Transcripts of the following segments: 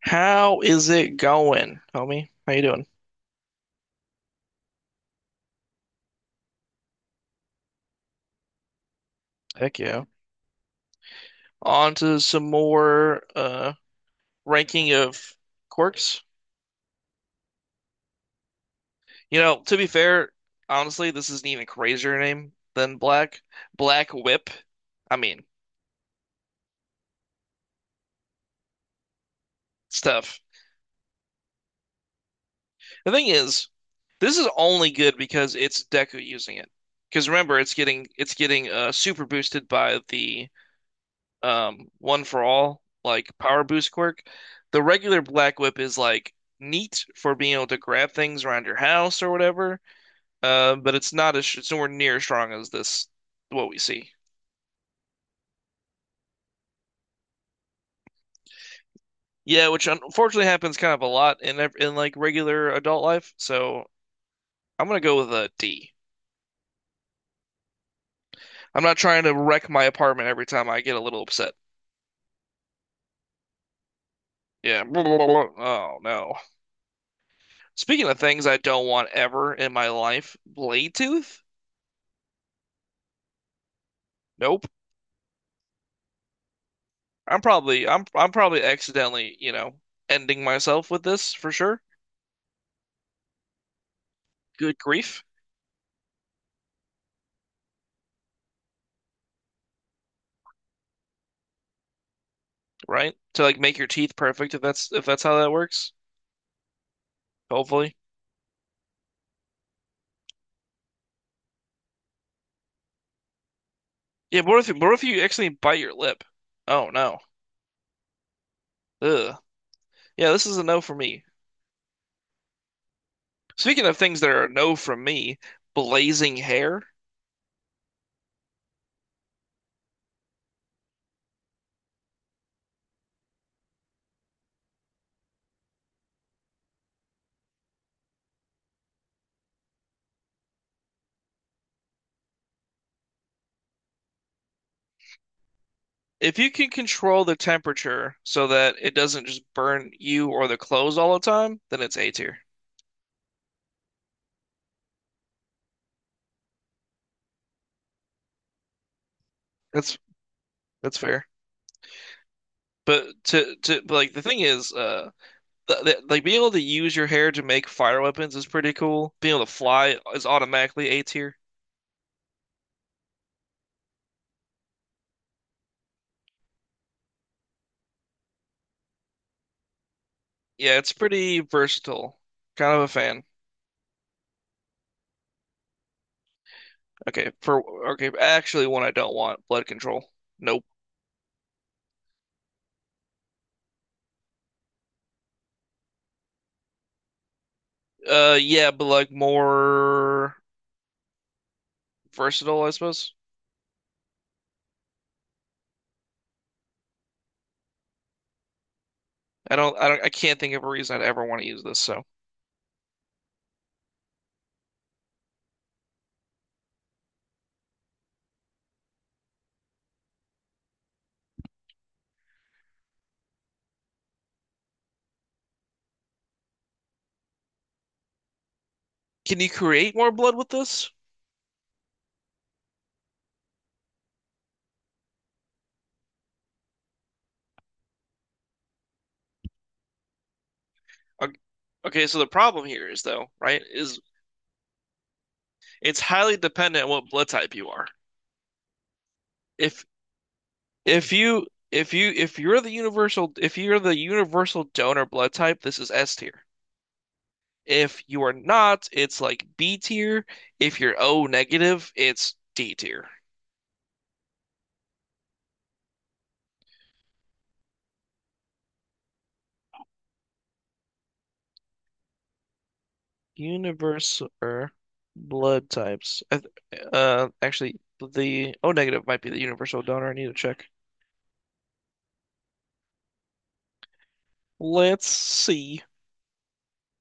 How is it going, homie? How you doing? Heck yeah. On to some more ranking of quirks. You know, to be fair, honestly, this is an even crazier name than Black. Black Whip. I mean, it's tough. The thing is, this is only good because it's Deku using it. Because remember, it's getting super boosted by the one for all, like power boost quirk. The regular Black Whip is like neat for being able to grab things around your house or whatever, but it's not as it's nowhere near as strong as this what we see. Yeah, which unfortunately happens kind of a lot in like regular adult life. So I'm gonna go with a D. I'm not trying to wreck my apartment every time I get a little upset. Yeah. Oh no. Speaking of things I don't want ever in my life, Bladetooth? Nope. I'm probably accidentally, ending myself with this for sure. Good grief, right? To like make your teeth perfect if that's how that works. Hopefully. Yeah, but what if you accidentally bite your lip? Oh no. Ugh. Yeah, this is a no for me. Speaking of things that are a no from me, blazing hair. If you can control the temperature so that it doesn't just burn you or the clothes all the time, then it's A tier. That's that's fair. But to but like the thing is, like being able to use your hair to make fire weapons is pretty cool. Being able to fly is automatically A tier. Yeah, it's pretty versatile. Kind of a fan. Okay, for okay, actually one I don't want, blood control. Nope. Yeah, but like more versatile, I suppose. I don't I can't think of a reason I'd ever want to use this, so. Can you create more blood with this? O- Okay, so the problem here is though, right, is it's highly dependent on what blood type you are. If If you if you if you're the universal donor blood type, this is S tier. If you are not, it's like B tier. If you're O negative, it's D tier. Universal blood types. I actually, the O negative might be the universal donor. I need to check. Let's see.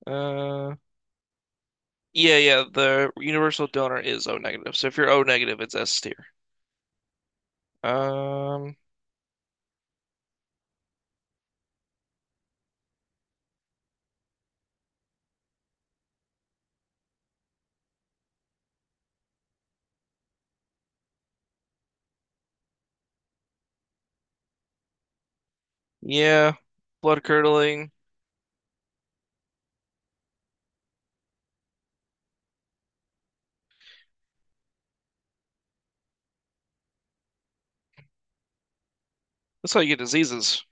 Uh, yeah, the universal donor is O negative. So if you're O negative, it's S tier. Um, yeah, blood curdling. That's how you get diseases.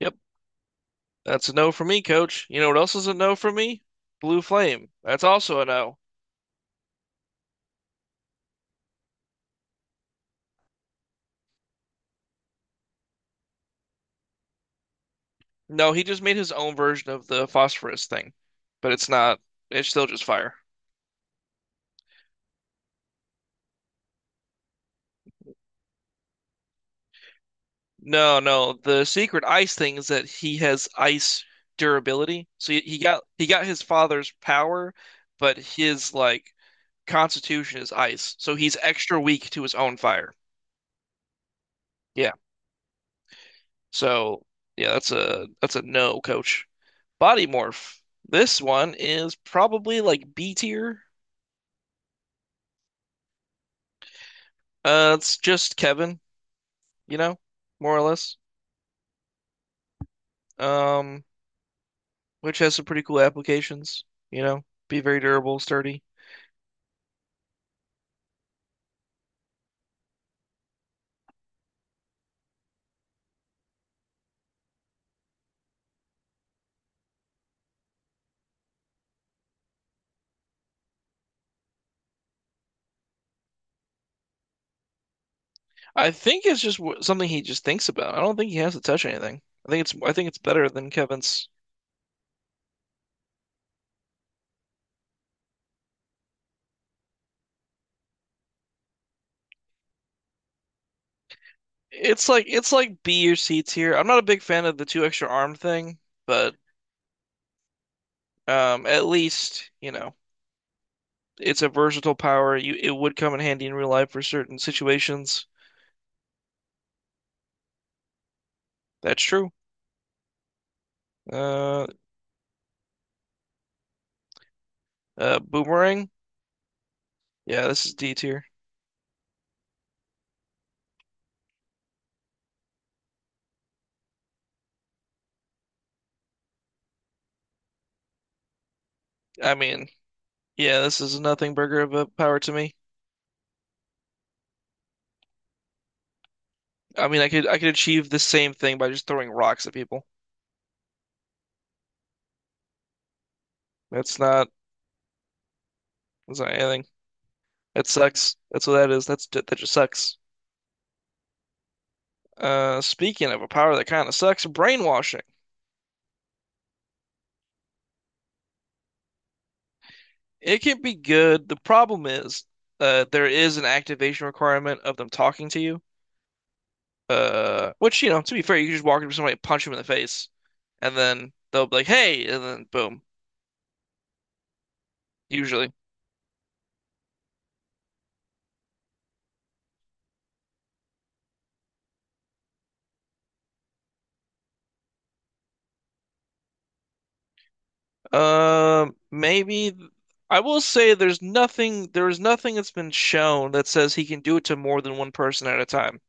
Yep. That's a no for me, coach. You know what else is a no for me? Blue flame. That's also a no. No, he just made his own version of the phosphorus thing, but it's still just fire. No, no. The secret ice thing is that he has ice durability. So he got his father's power, but his like constitution is ice. So he's extra weak to his own fire. Yeah. So yeah, that's a no, coach. Body Morph. This one is probably like B tier. It's just Kevin, you know, more or less. Um, which has some pretty cool applications, you know, be very durable, sturdy. I think it's just w something he just thinks about. I don't think he has to touch anything. I think it's better than Kevin's. It's like B or C tier. I'm not a big fan of the two extra arm thing, but at least, you know, it's a versatile power. You it would come in handy in real life for certain situations. That's true. Uh, Boomerang. Yeah, this is D tier. I mean, yeah, this is nothing burger of a power to me. I mean, I could achieve the same thing by just throwing rocks at people. That's not that's not anything. It sucks. That's what that is. That's that just sucks. Speaking of a power that kind of sucks, brainwashing. It can be good. The problem is, there is an activation requirement of them talking to you. Which you know, to be fair, you can just walk up to somebody, punch them in the face, and then they'll be like, "Hey," and then boom. Usually. Maybe I will say there is nothing that's been shown that says he can do it to more than one person at a time.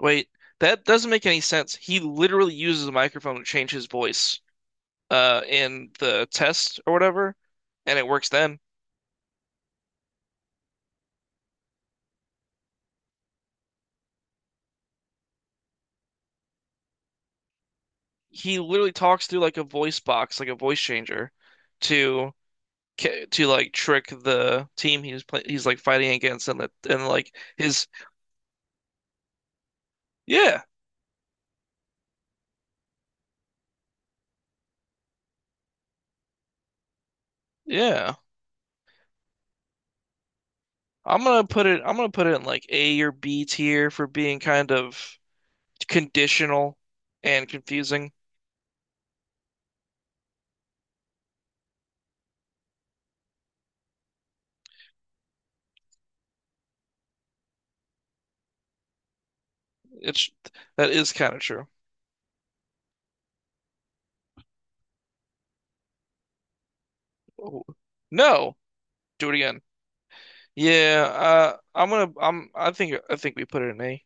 Wait, that doesn't make any sense. He literally uses a microphone to change his voice in the test or whatever, and it works then. He literally talks through like a voice box, like a voice changer to to like trick the team he's like fighting against and the and like his yeah, yeah. I'm gonna put it in like A or B tier for being kind of conditional and confusing. It's that is kind of true. Oh, No, do it again. Yeah, I think we put it in A.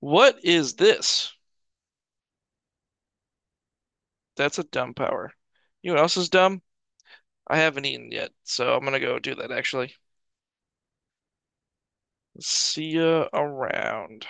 What is this? That's a dumb power. You know what else is dumb? I haven't eaten yet, so I'm gonna go do that actually. See ya around.